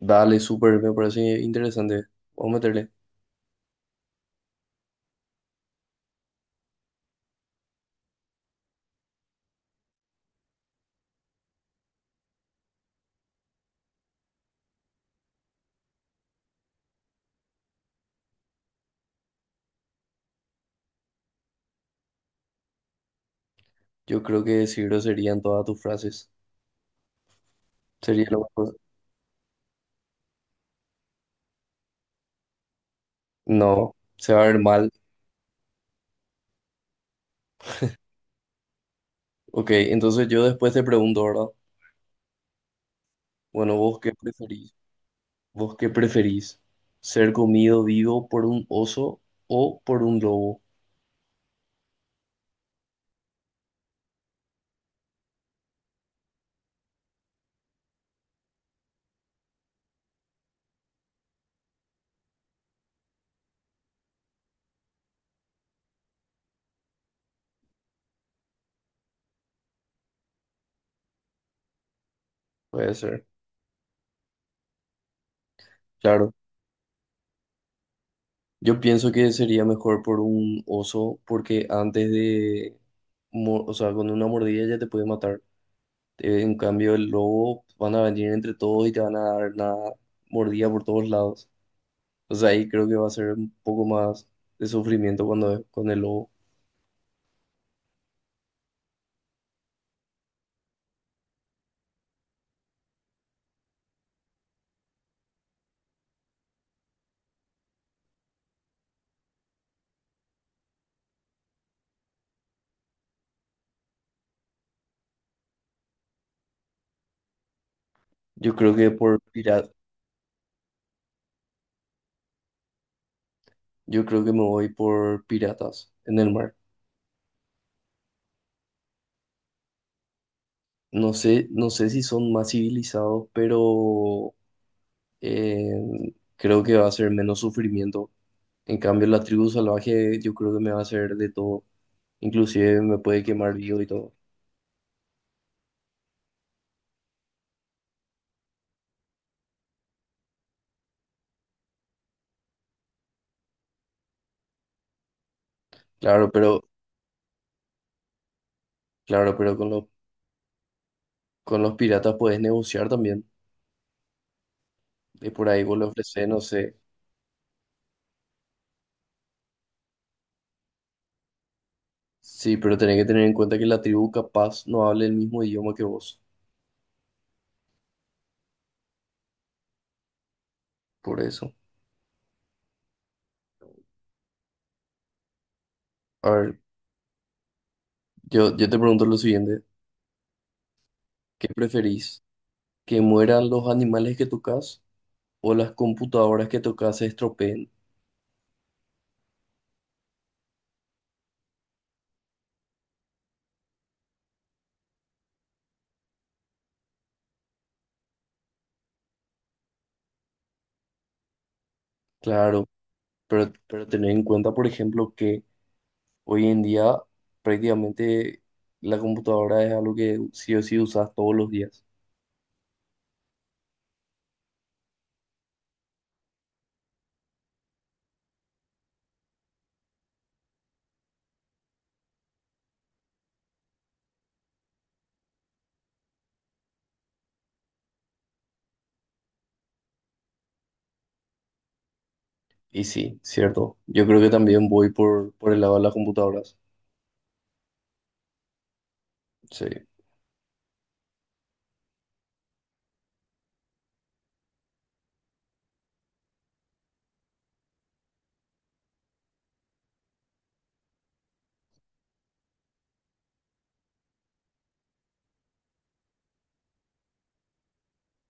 Dale, súper, me parece interesante. Vamos a meterle. Yo creo que decir grosería en todas tus frases sería lo mejor. No, se va a ver mal. Ok, entonces yo después te pregunto, ¿verdad? Bueno, ¿vos qué preferís? ¿Vos qué preferís? ¿Ser comido vivo por un oso o por un lobo? Puede ser, claro. Yo pienso que sería mejor por un oso porque o sea, con una mordida ya te puede matar. En cambio, el lobo van a venir entre todos y te van a dar una mordida por todos lados. O sea, ahí creo que va a ser un poco más de sufrimiento cuando con el lobo. Yo creo que por pirata, yo creo que me voy por piratas en el mar. No sé, no sé si son más civilizados, pero eh, creo que va a ser menos sufrimiento. En cambio, la tribu salvaje yo creo que me va a hacer de todo. Inclusive me puede quemar vivo y todo. Claro, pero, claro, pero con los piratas puedes negociar también. Y por ahí vos le ofrecés, no sé. Sí, pero tenés que tener en cuenta que la tribu capaz no hable el mismo idioma que vos. Por eso. A ver, yo te pregunto lo siguiente. ¿Qué preferís? ¿Que mueran los animales que tocas o las computadoras que tocas se estropeen? Claro, pero tener en cuenta, por ejemplo, que hoy en día prácticamente la computadora es algo que sí o sí usas todos los días. Y sí, cierto. Yo creo que también voy por el lado de las computadoras. Sí,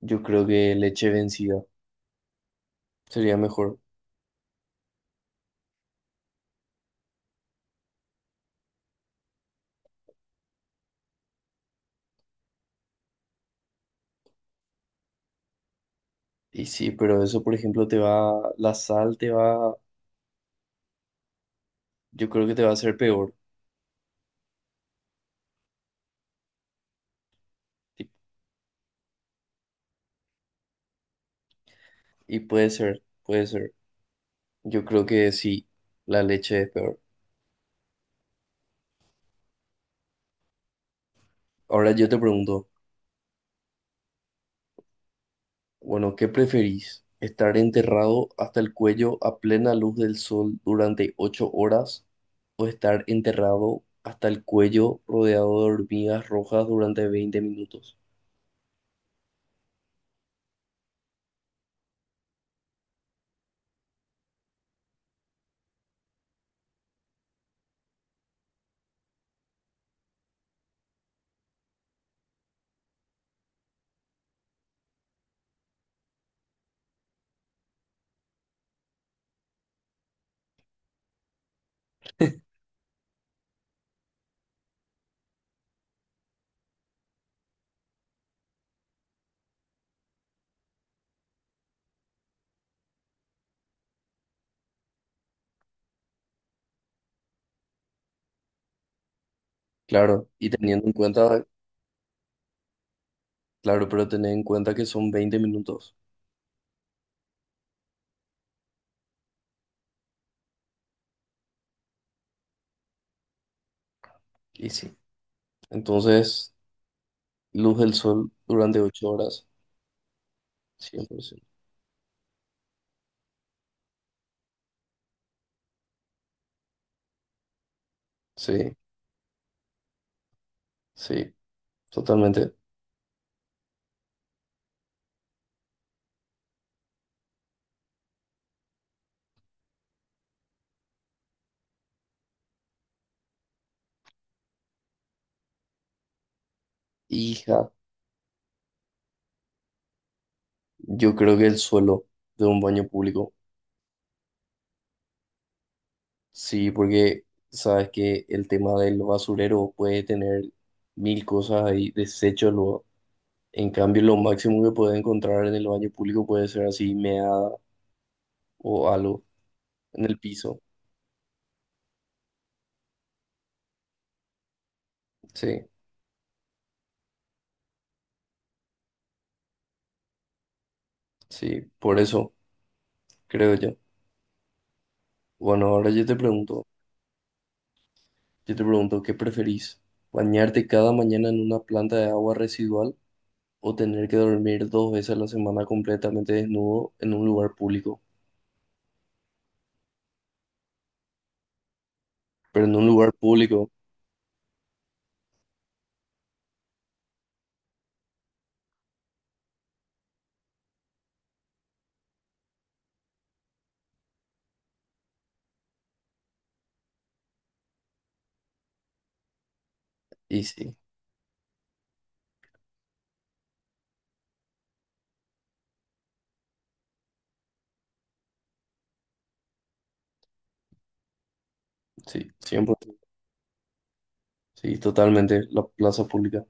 yo creo que leche vencida sería mejor. Y sí, pero eso, por ejemplo, la sal te va, yo creo que te va a hacer peor. Y, y puede ser, puede ser. Yo creo que sí, la leche es peor. Ahora yo te pregunto, bueno, ¿qué preferís? ¿Estar enterrado hasta el cuello a plena luz del sol durante 8 horas o estar enterrado hasta el cuello rodeado de hormigas rojas durante 20 minutos? Claro, y teniendo en cuenta. Claro, pero tened en cuenta que son 20 minutos. Y sí. Entonces, luz del sol durante 8 horas, 100%. Sí, sí, totalmente. Hija, yo creo que el suelo de un baño público. Sí, porque sabes que el tema del basurero puede tener mil cosas ahí, desechos luego. En cambio, lo máximo que puede encontrar en el baño público puede ser así, meada o algo en el piso. Sí, sí, por eso creo yo. Bueno, ahora yo te pregunto. Yo te pregunto, ¿qué preferís? ¿Bañarte cada mañana en una planta de agua residual o tener que dormir 2 veces a la semana completamente desnudo en un lugar público? Pero en un lugar público, y sí, sí, 100%, sí, totalmente, la plaza pública.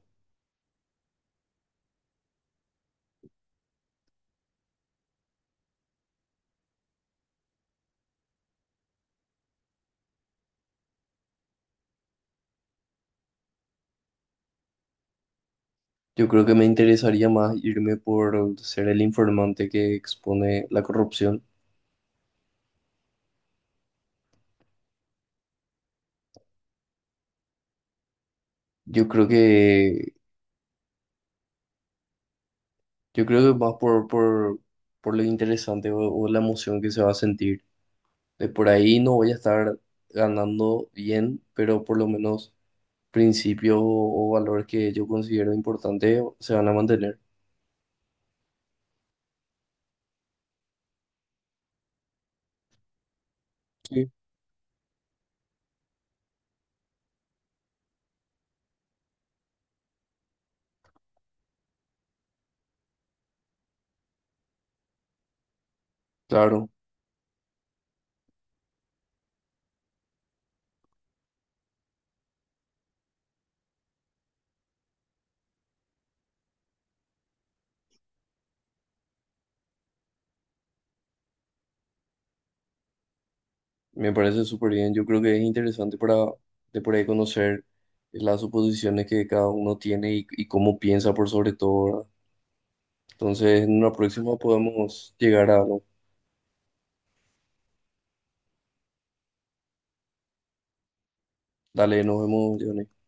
Yo creo que me interesaría más irme por ser el informante que expone la corrupción. Yo creo que, yo creo que más por lo interesante o la emoción que se va a sentir de por ahí no voy a estar ganando bien, pero por lo menos principios o valores que yo considero importantes se van a mantener. Sí. Claro, me parece súper bien. Yo creo que es interesante para de por ahí conocer las suposiciones que cada uno tiene y cómo piensa por sobre todo, ¿verdad? Entonces, en una próxima podemos llegar a algo. Dale, nos vemos, Johnny.